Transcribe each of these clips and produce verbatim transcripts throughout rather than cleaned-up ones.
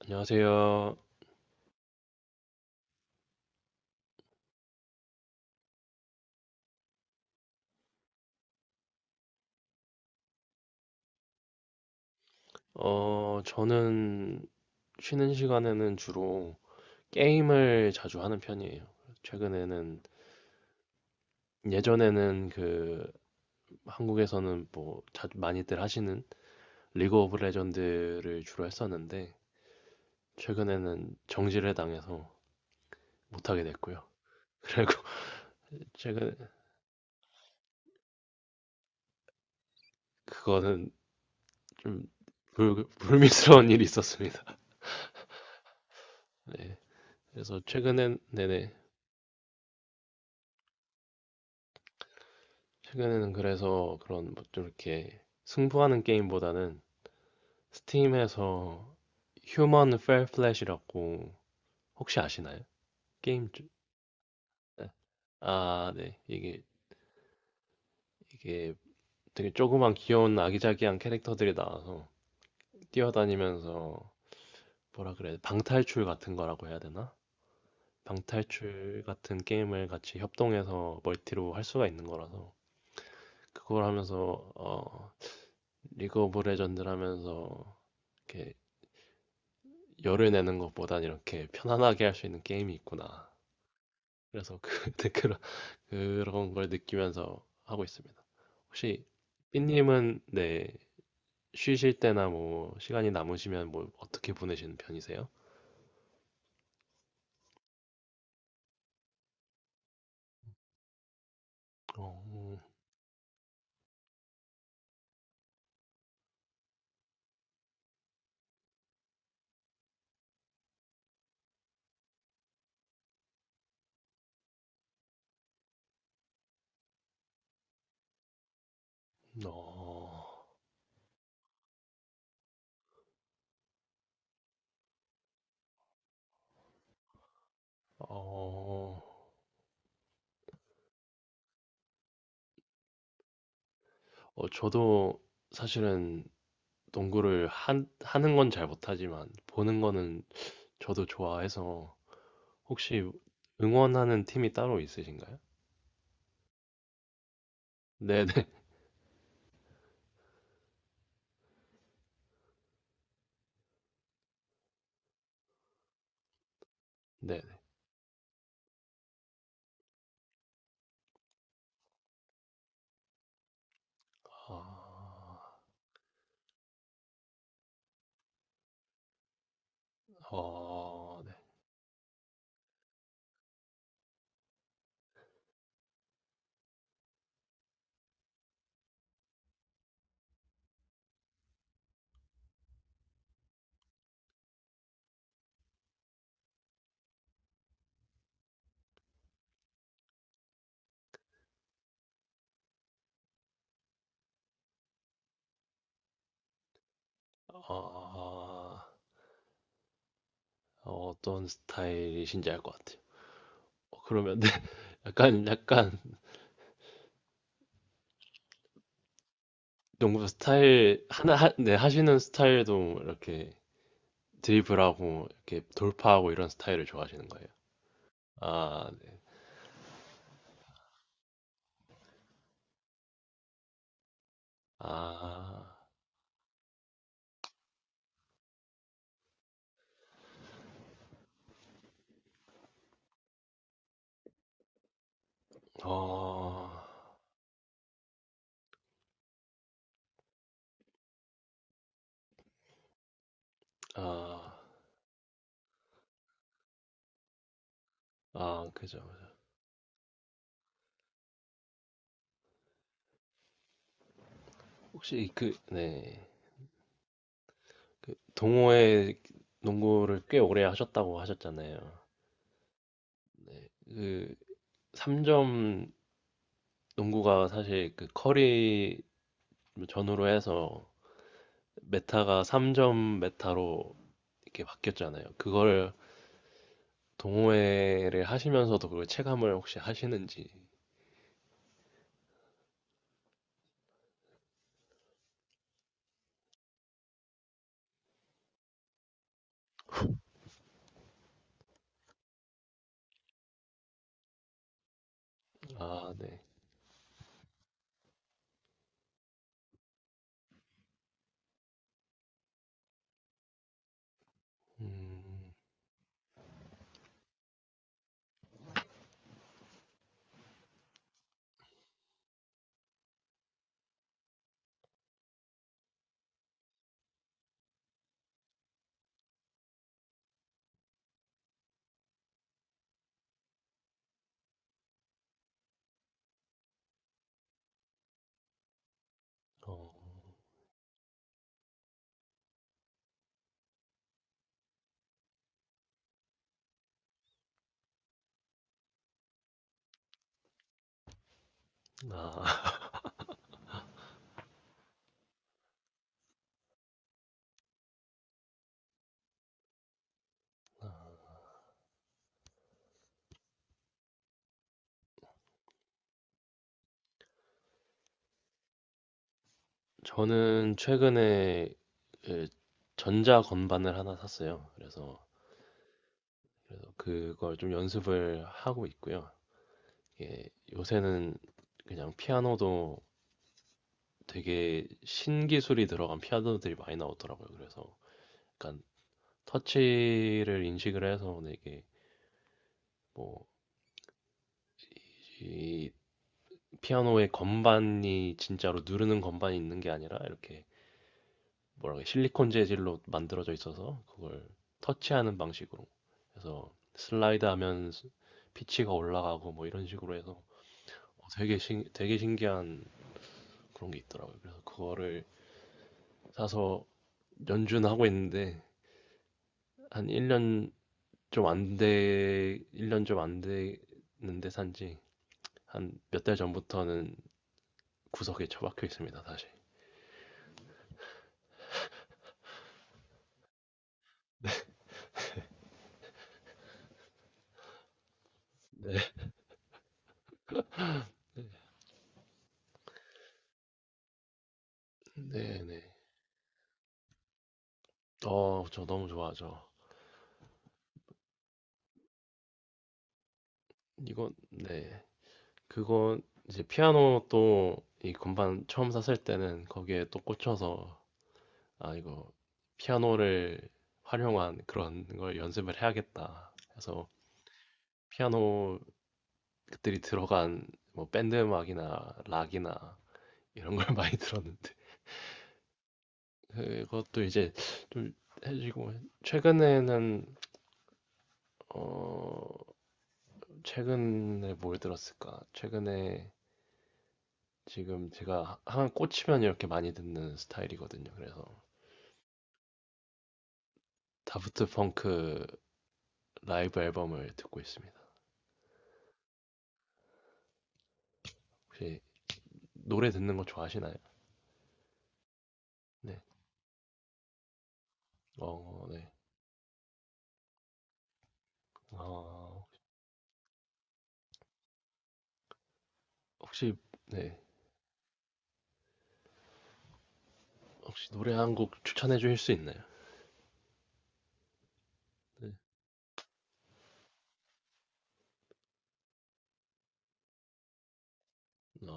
안녕하세요. 어, 저는 쉬는 시간에는 주로 게임을 자주 하는 편이에요. 최근에는, 예전에는 그, 한국에서는 뭐, 자주 많이들 하시는 리그 오브 레전드를 주로 했었는데, 최근에는 정지를 당해서 못하게 됐고요. 그리고 최근에, 그거는 좀 불, 불미스러운 일이 있었습니다. 네. 그래서 최근엔, 네네. 최근에는 그래서 그런 뭐좀 이렇게 승부하는 게임보다는 스팀에서 휴먼 펠 플랫이라고 혹시 아시나요? 게임 주 네. 아, 네. 이게 이게 되게 조그만 귀여운 아기자기한 캐릭터들이 나와서 뛰어다니면서 뭐라 그래? 방탈출 같은 거라고 해야 되나? 방탈출 같은 게임을 같이 협동해서 멀티로 할 수가 있는 거라서 그걸 하면서 어, 리그 오브 레전드를 하면서 이렇게 열을 내는 것보단 이렇게 편안하게 할 수 있는 게임이 있구나. 그래서 그 댓글을 그런 걸 느끼면서 하고 있습니다. 혹시 삐님은 네, 쉬실 때나 뭐 시간이 남으시면 뭐 어떻게 보내시는 편이세요? 어, 음, 어, 어, 어, 저도 사실은 농구를 한, 하는 건 잘 못하지만 보는 거는 저도 좋아해서 혹시 응원하는 팀이 따로 있으신가요? 네네, 네네. 아, 어, 네. 아, 어, 어떤 스타일이신지 알 것 같아요. 어, 그러면 네, 약간 약간 농구 스타일 하나 하, 네, 하시는 스타일도 이렇게 드리블하고 이렇게 돌파하고 이런 스타일을 좋아하시는 거예요. 아, 네. 아, 어, 아, 아, 그죠. 그죠. 혹시 그, 네, 그 동호회 농구를 꽤 오래 하셨다고 하셨잖아요. 그 삼 점 농구가 사실 그 커리 전후로 해서 메타가 삼 점 메타로 이렇게 바뀌었잖아요. 그걸 동호회를 하시면서도 그걸 체감을 혹시 하시는지. 아, 네. 음, 어, 아, 저는 최근에 그 전자 건반을 하나 샀어요. 그래서, 그래서 그걸 좀 연습을 하고 있고요. 이게 요새는 그냥 피아노도 되게 신기술이 들어간 피아노들이 많이 나오더라고요. 그래서 약간 터치를 인식을 해서 되게 뭐, 이 피아노의 건반이 진짜로 누르는 건반이 있는 게 아니라 이렇게 뭐라고 해야, 실리콘 재질로 만들어져 있어서 그걸 터치하는 방식으로 그래서 슬라이드 하면 피치가 올라가고 뭐 이런 식으로 해서 어, 되게 신, 되게 신기한 그런 게 있더라고요. 그래서 그거를 사서 연주는 하고 있는데 한 일 년 좀 안 돼, 일 년 좀 안 됐는데 산지 한 몇 달 전부터는 구석에 처박혀 있습니다, 다시. 네네. 어, 저 너무 좋아하죠. 이건 네. 그거 이제 피아노 또 이 건반 처음 샀을 때는 거기에 또 꽂혀서 아 이거 피아노를 활용한 그런 걸 연습을 해야겠다. 해서 피아노 그들이 들어간 뭐 밴드 음악이나 락이나 이런 걸 많이 들었는데 그것도 이제 좀 해지고 최근에는 어 최근에 뭘 들었을까? 최근에 지금 제가 한 꽂히면 이렇게 많이 듣는 스타일이거든요. 그래서 다프트 펑크 라이브 앨범을 듣고 있습니다. 혹시 노래 듣는 거 좋아하시나요? 네. 어, 네. 어, 혹시 네. 혹시 노래 한 곡 추천해 주실 수 있나요? 네. 아,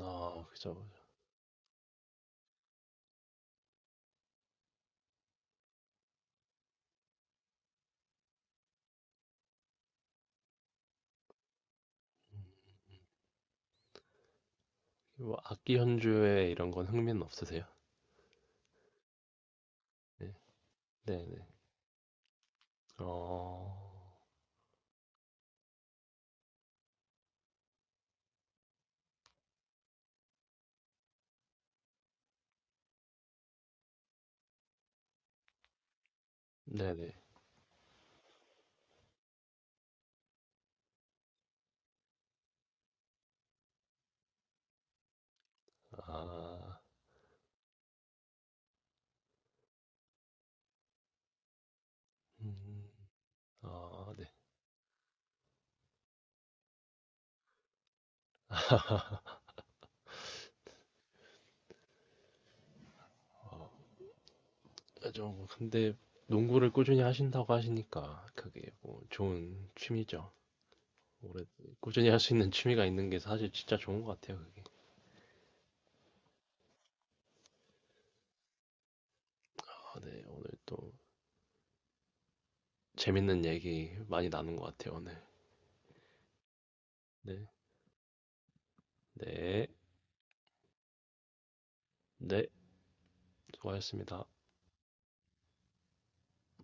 아, 그죠. 뭐 악기 연주에 이런 건 흥미는 없으세요? 네. 네, 네. 어, 네, 네. 아, 음, 아, 네. 어, 좀 근데 농구를 꾸준히 하신다고 하시니까 그게 뭐 좋은 취미죠. 오래 꾸준히 할 수 있는 취미가 있는 게 사실 진짜 좋은 것 같아요. 그게. 아, 네, 오늘 또 재밌는 얘기 많이 나눈 것 같아요, 오늘. 네, 네, 네, 수고하셨습니다.